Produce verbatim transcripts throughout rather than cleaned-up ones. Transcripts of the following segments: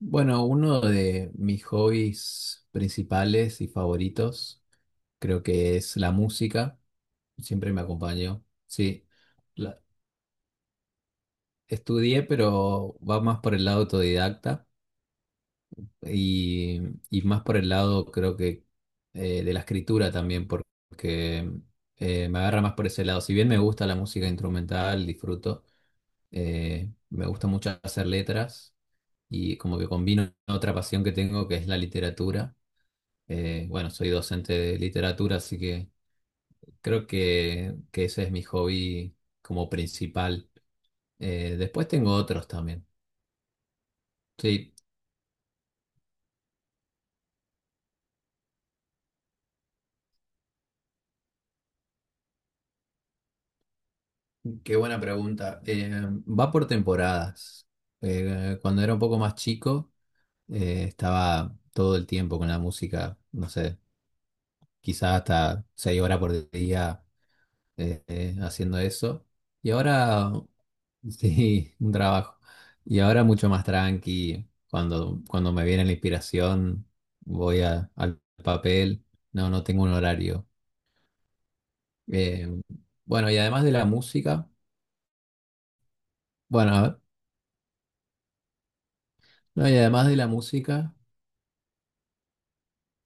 Bueno, uno de mis hobbies principales y favoritos creo que es la música. Siempre me acompañó. Sí, La- estudié, pero va más por el lado autodidacta y, y más por el lado creo que eh, de la escritura también, porque eh, me agarra más por ese lado. Si bien me gusta la música instrumental, disfruto, eh, me gusta mucho hacer letras y como que combino otra pasión que tengo que es la literatura. Eh, bueno, soy docente de literatura, así que creo que, que ese es mi hobby como principal. Eh, después tengo otros también. Sí, qué buena pregunta. Eh, va por temporadas. Eh, cuando era un poco más chico, eh, estaba todo el tiempo con la música, no sé, quizás hasta seis horas por día eh, eh, haciendo eso. Y ahora sí, un trabajo. Y ahora mucho más tranqui. Cuando, cuando me viene la inspiración, voy a- al papel. No, no tengo un horario. Eh, bueno, y además de la música, bueno, a ver, no, y además de la música,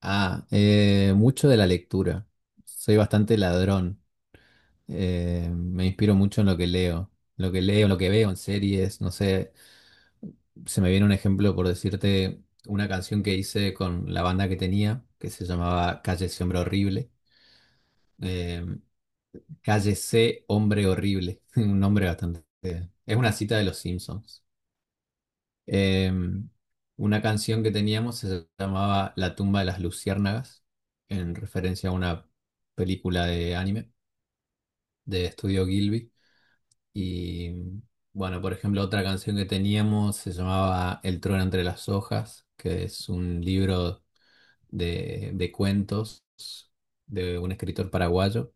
ah, eh, mucho de la lectura. Soy bastante ladrón. Eh, me inspiro mucho en lo que leo. Lo que leo, lo que veo en series, no sé. Se me viene un ejemplo por decirte una canción que hice con la banda que tenía, que se llamaba Calle ese hombre horrible. Eh, Calle C hombre horrible, un nombre bastante. Es una cita de los Simpsons. Eh, una canción que teníamos se llamaba La tumba de las luciérnagas, en referencia a una película de anime de Estudio Gilby. Y mm, bueno, por ejemplo, otra canción que teníamos se llamaba El trueno entre las hojas, que es un libro de, de cuentos de un escritor paraguayo.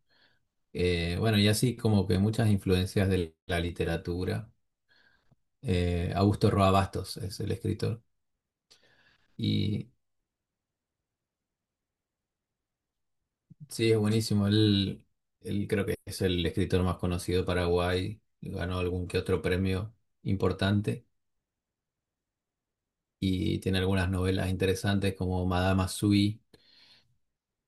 Eh, bueno, y así como que muchas influencias de la literatura. Eh, Augusto Roa Bastos es el escritor. Y sí, es buenísimo. Él, él creo que es el escritor más conocido de Paraguay. Ganó algún que otro premio importante. Y tiene algunas novelas interesantes como Madama Sui,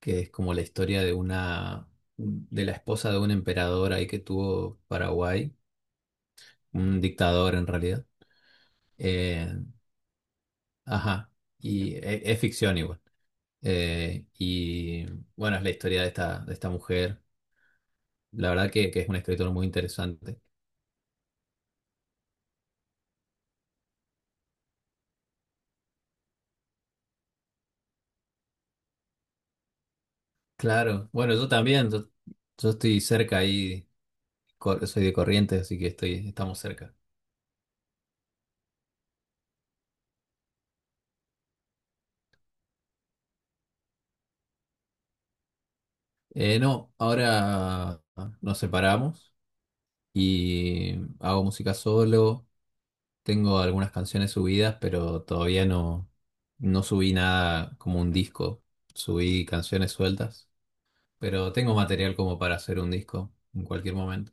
que es como la historia de una de la esposa de un emperador ahí que tuvo Paraguay, un dictador en realidad. Eh, ajá. Y e- es ficción igual. Eh, y bueno, es la historia de esta, de esta mujer. La verdad que, que es un escritor muy interesante. Claro, bueno, yo también. Yo, yo estoy cerca ahí. Cor- soy de Corrientes, así que estoy, estamos cerca. Eh, no, ahora nos separamos y hago música solo. Tengo algunas canciones subidas, pero todavía no, no subí nada como un disco. Subí canciones sueltas, pero tengo material como para hacer un disco en cualquier momento.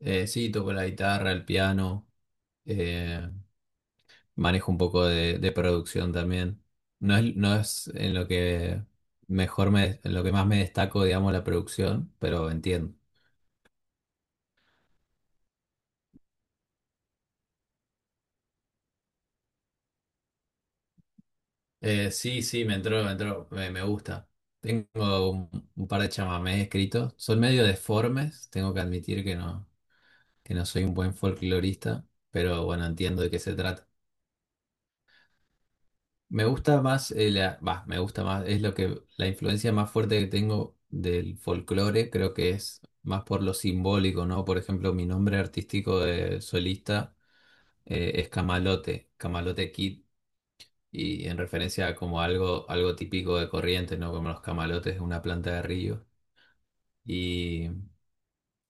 Eh, sí, toco la guitarra, el piano, eh, manejo un poco de, de producción también. No es, no es en lo que mejor me, en lo que más me destaco, digamos, la producción, pero entiendo. Eh, sí, sí, me entró, me entró, me, me gusta. Tengo un, un par de chamamés escritos. Son medio deformes, tengo que admitir que no, que no soy un buen folclorista, pero bueno, entiendo de qué se trata. Me gusta más, eh, la, bah, me gusta más, es lo que la influencia más fuerte que tengo del folclore, creo que es más por lo simbólico, ¿no? Por ejemplo, mi nombre artístico de solista eh, es Camalote, Camalote Kid, y en referencia a como algo, algo típico de Corrientes, ¿no? Como los camalotes de una planta de río, y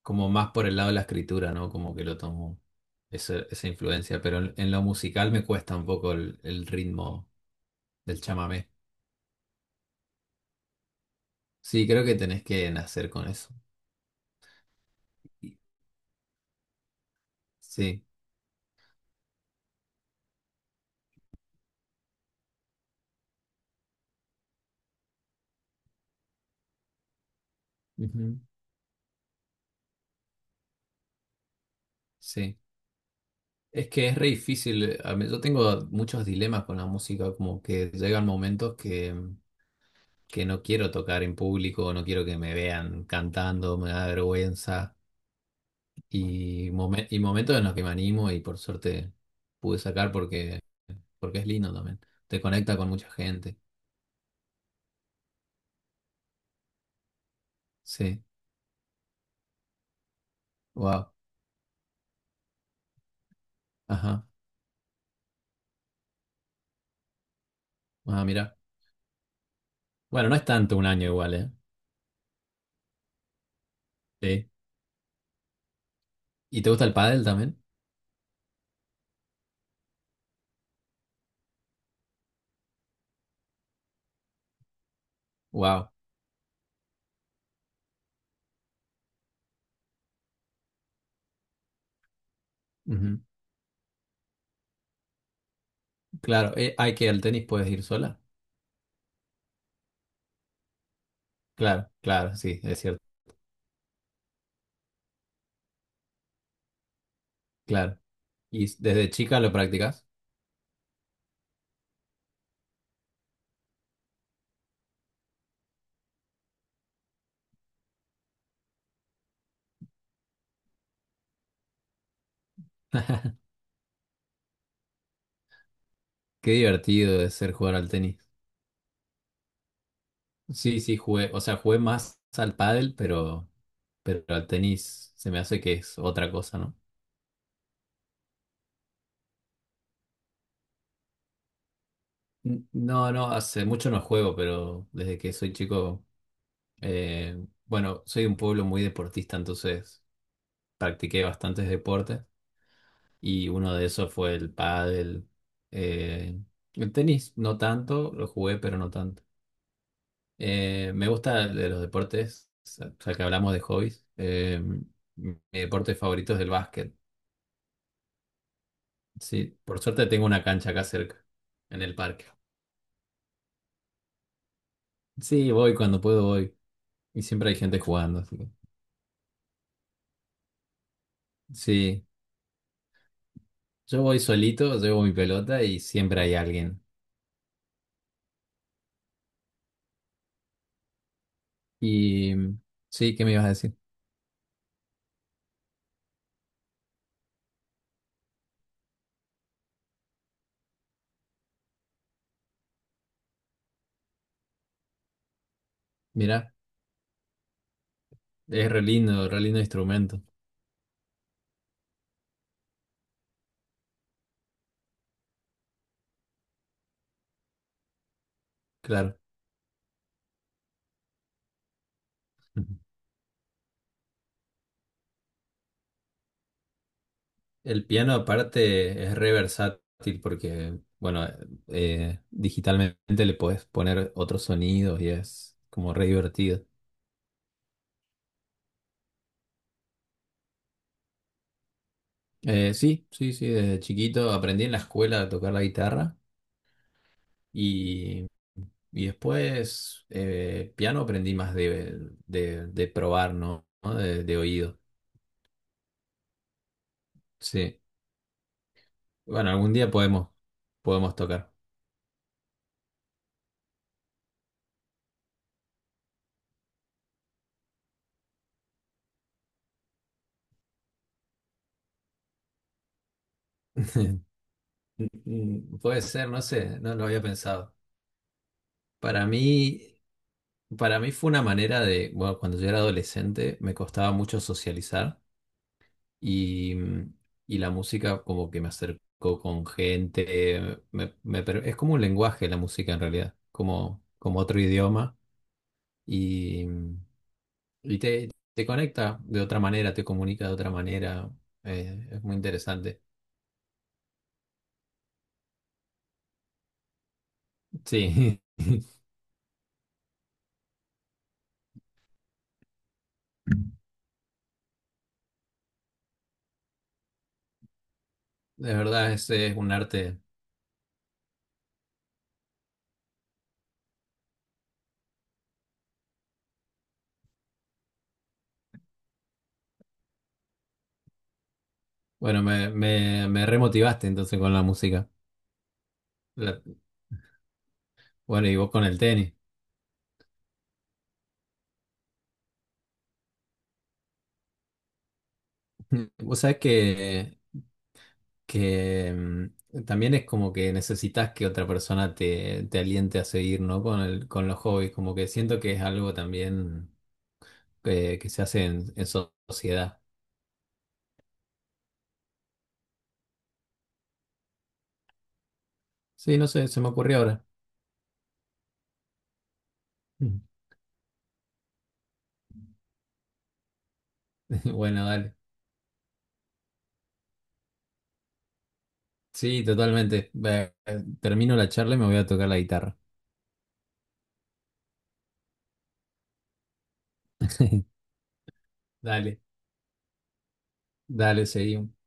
como más por el lado de la escritura, ¿no? Como que lo tomo esa, esa influencia, pero en, en lo musical me cuesta un poco el el ritmo del chamamé. Sí, creo que tenés que nacer con eso. Y- Sí, ujú, sí. Es que es re difícil. eh, a mí- Yo tengo muchos dilemas con la música, como que llegan momentos que, que no quiero tocar en público, no quiero que me vean cantando, me da vergüenza. Y, momen- y momentos en los que me animo y por suerte pude sacar porque, porque es lindo también. Te conecta con mucha gente. Sí, wow. Ajá. Ah, mira. Bueno, no es tanto un año igual, ¿eh? Sí. ¿Y te gusta el pádel también? Wow. Claro, eh, hay que al tenis puedes ir sola. Claro, claro, sí, es cierto, claro. ¿Y desde chica lo practicas? Qué divertido es ser jugar al tenis. Sí, sí, jugué, o sea, jugué más al pádel, pero, pero al tenis se me hace que es otra cosa, ¿no? N- No, no, hace mucho no juego, pero desde que soy chico, eh, bueno, soy de un pueblo muy deportista, entonces practiqué bastantes deportes. Y uno de esos fue el pádel. eh, el tenis, no tanto, lo jugué, pero no tanto. Eh, me gusta de los deportes, o sea que hablamos de hobbies. Eh, mi deporte favorito es el básquet. Sí, por suerte tengo una cancha acá cerca, en el parque. Sí, voy cuando puedo, voy. Y siempre hay gente jugando, así que sí, yo voy solito, llevo mi pelota y siempre hay alguien. Y sí, ¿qué me ibas a decir? Mirá, es re lindo, re lindo instrumento, claro. El piano aparte es re versátil porque, bueno, eh, digitalmente le podés poner otros sonidos y es como re divertido. Eh, sí, sí, sí, desde chiquito aprendí en la escuela a tocar la guitarra y, y después eh, piano aprendí más de, de, de probar, ¿no? ¿No? De, de oído. Sí. Bueno, algún día podemos, podemos tocar. Mm, Puede ser, no sé, no lo había pensado. Para mí. Para mí fue una manera de, bueno, cuando yo era adolescente me costaba mucho socializar y, mm, y la música como que me acercó con gente, me- me per- es como un lenguaje la música en realidad, como, como otro idioma y, mm, y te, te conecta de otra manera, te comunica de otra manera, eh, es muy interesante. Sí, de verdad ese es un arte. Bueno, me, me, me remotivaste entonces con la música. La- bueno, y vos con el tenis. O sea que, que mm también es como que necesitas que otra persona te, te aliente a seguir, ¿no? Con el, con los hobbies, como que siento que es algo también que, que se hace en, en so- sociedad. Sí, no sé, se me ocurrió ahora. Mm. Bueno, dale. Sí, totalmente. Ve- eh, Termino la charla y me voy a tocar la guitarra. Dale, dale, seguimos.